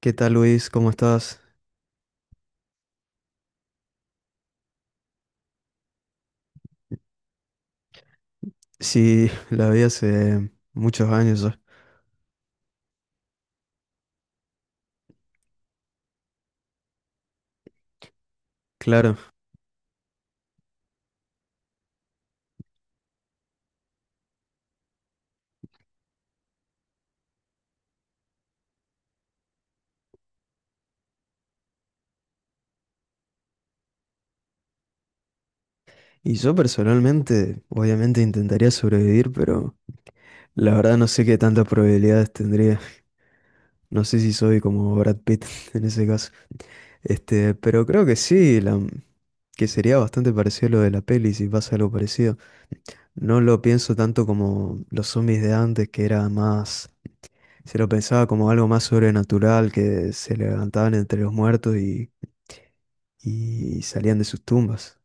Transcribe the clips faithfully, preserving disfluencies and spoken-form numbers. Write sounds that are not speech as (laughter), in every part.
¿Qué tal, Luis? ¿Cómo estás? Sí, (laughs) la vi hace muchos años ya, claro. Y yo personalmente, obviamente intentaría sobrevivir, pero la verdad no sé qué tantas probabilidades tendría. No sé si soy como Brad Pitt (laughs) en ese caso. Este, pero creo que sí, la, que sería bastante parecido a lo de la peli si pasa algo parecido. No lo pienso tanto como los zombies de antes, que era más, se lo pensaba como algo más sobrenatural, que se levantaban entre los muertos y, y salían de sus tumbas.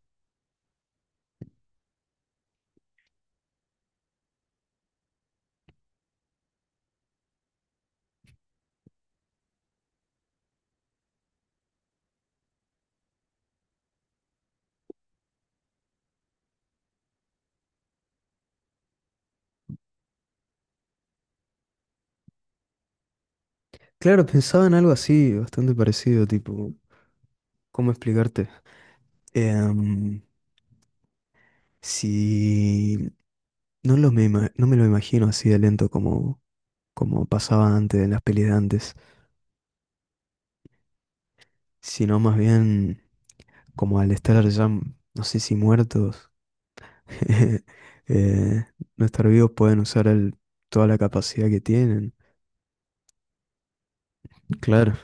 Claro, pensaba en algo así, bastante parecido, tipo, ¿cómo explicarte? Em, si no, lo me, ima- no me lo imagino así de lento como, como pasaba antes en las pelis de antes, sino más bien, como al estar ya, no sé si muertos, (laughs) eh, no estar vivos pueden usar el- toda la capacidad que tienen. Claro.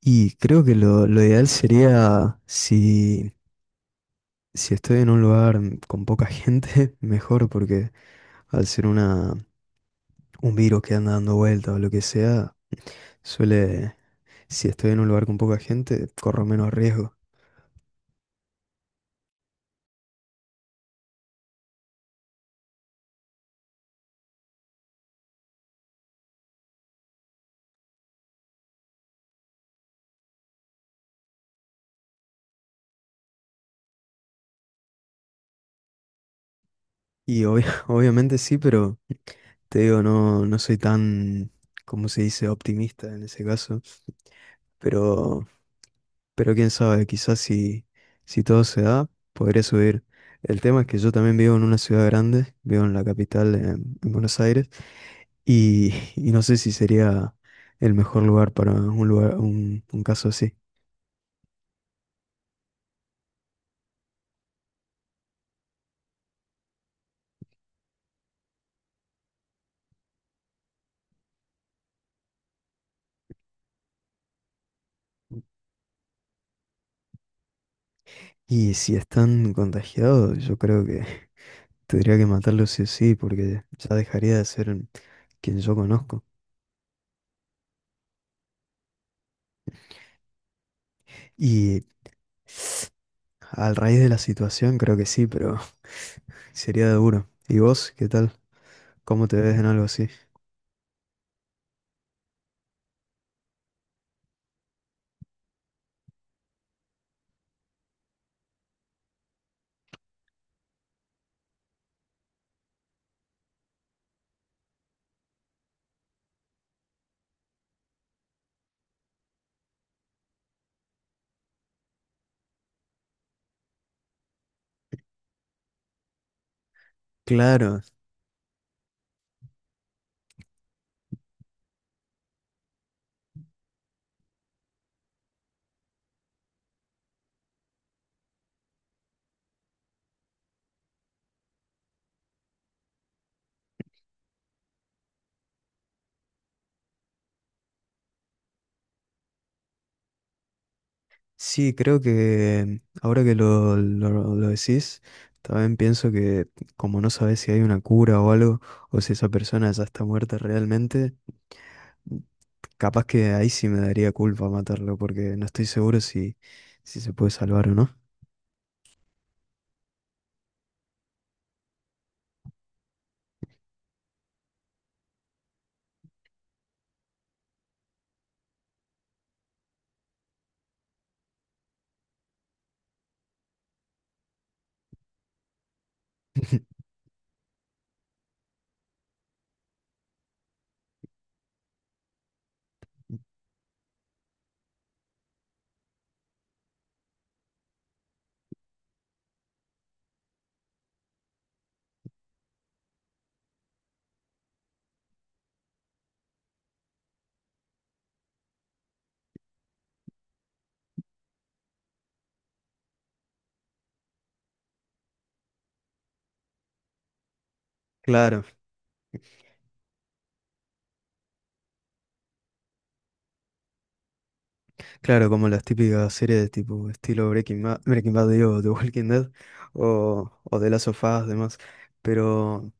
Y creo que lo, lo ideal sería si, si estoy en un lugar con poca gente, (laughs) mejor, porque al ser una, un virus que anda dando vueltas o lo que sea, suele, si estoy en un lugar con poca gente, corro menos riesgo. Y obvia- (laughs) obviamente sí, pero te digo, no, no soy tan, como se dice?, optimista en ese caso. Pero, pero quién sabe, quizás si, si todo se da, podré subir. El tema es que yo también vivo en una ciudad grande, vivo en la capital, en, en Buenos Aires, y (laughs) y no sé si sería el mejor lugar para un lugar, un, un caso así. Y si están contagiados, yo creo que (laughs) tendría que matarlos sí o sí, porque ya dejaría de ser quien yo conozco. Y (sniffs) al raíz de la situación, creo que sí, pero (laughs) sería duro. ¿Y vos, qué tal? ¿Cómo te ves en algo así? Claro. Sí, creo que ahora que lo, lo, lo decís, también pienso que como no sabes si hay una cura o algo, o si esa persona ya está muerta realmente, capaz que ahí sí me daría culpa matarlo, porque no estoy seguro si, si se puede salvar o no. (laughs) Claro, claro, como las típicas series de tipo estilo Breaking Bad, Breaking Bad, digo, The Walking Dead o, o The Last of Us, demás. Pero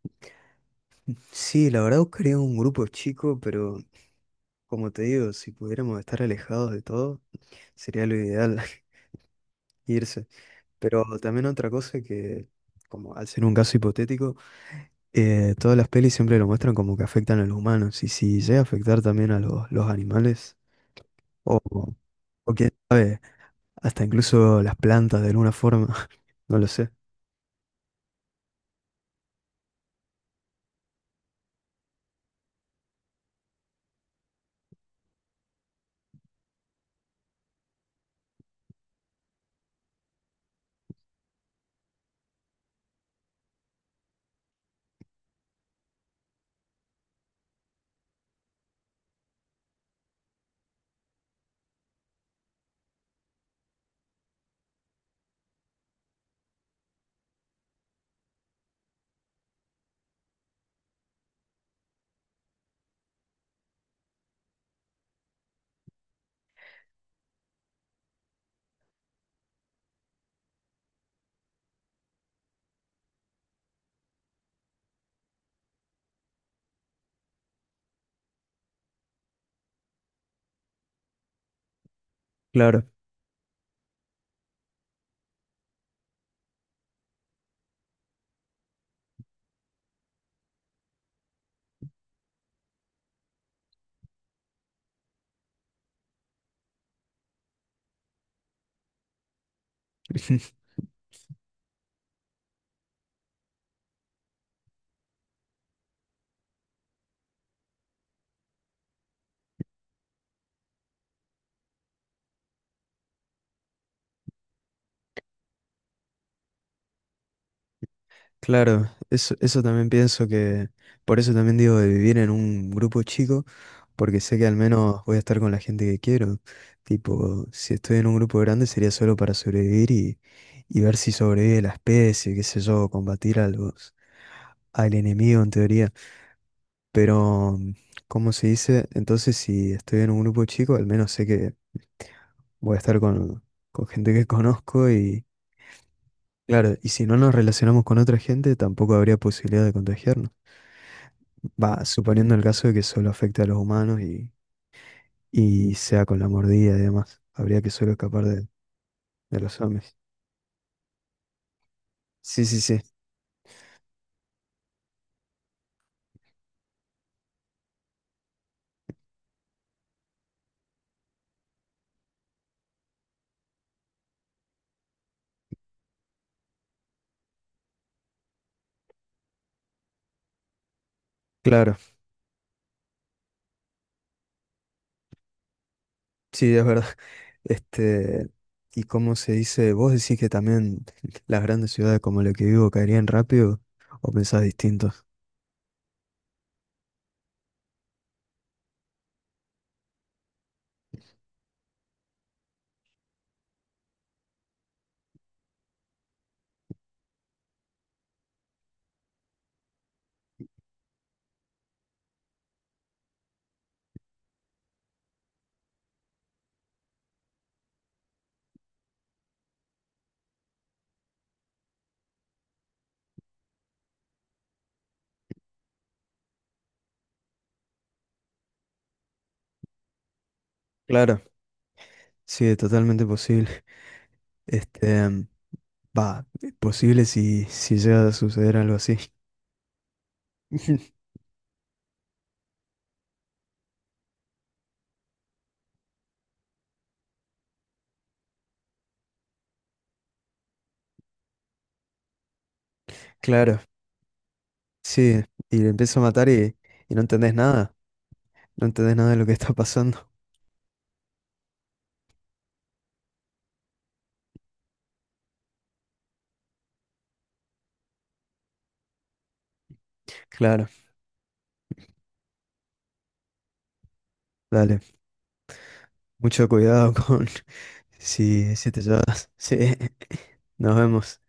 sí, la verdad buscaría un grupo chico, pero como te digo, si pudiéramos estar alejados de todo. Sería lo ideal. (laughs) Irse. Pero también otra cosa que, como al ser un caso hipotético, eh, todas las pelis siempre lo muestran como que afectan a los humanos. Y si llega a afectar también a los, los animales, o, o quién sabe, hasta incluso las plantas de alguna forma, (laughs) no lo sé. Claro, claro, eso, eso también pienso que, por eso también digo de vivir en un grupo chico. Porque sé que al menos voy a estar con la gente que quiero. Tipo, si estoy en un grupo grande sería solo para sobrevivir y, y ver si sobrevive la especie, qué sé yo, combatir a los, al enemigo en teoría. Pero, ¿cómo se dice? Entonces, si estoy en un grupo chico, al menos sé que voy a estar con, con gente que (laughs) conozco y, claro, y si no nos relacionamos con otra gente, tampoco habría posibilidad de contagiarnos. Va, suponiendo el caso de que solo afecte a los humanos y y sea con la mordida y demás. Habría que solo escapar de, de los hombres. Sí, sí, sí, claro, sí, es verdad. (laughs) Este, y cómo se dice, ¿vos decís que también las grandes ciudades como la que vivo caerían rápido o pensás distinto? Claro, sí, es totalmente posible. Este, em, va, posible si, si llega a suceder algo así. (laughs) Claro, sí, y le empiezo a matar y, y no entendés nada, no entendés nada de lo que está pasando. Claro, dale, mucho cuidado (laughs) con, sí, sí te llevas. (laughs) Sí, nos vemos.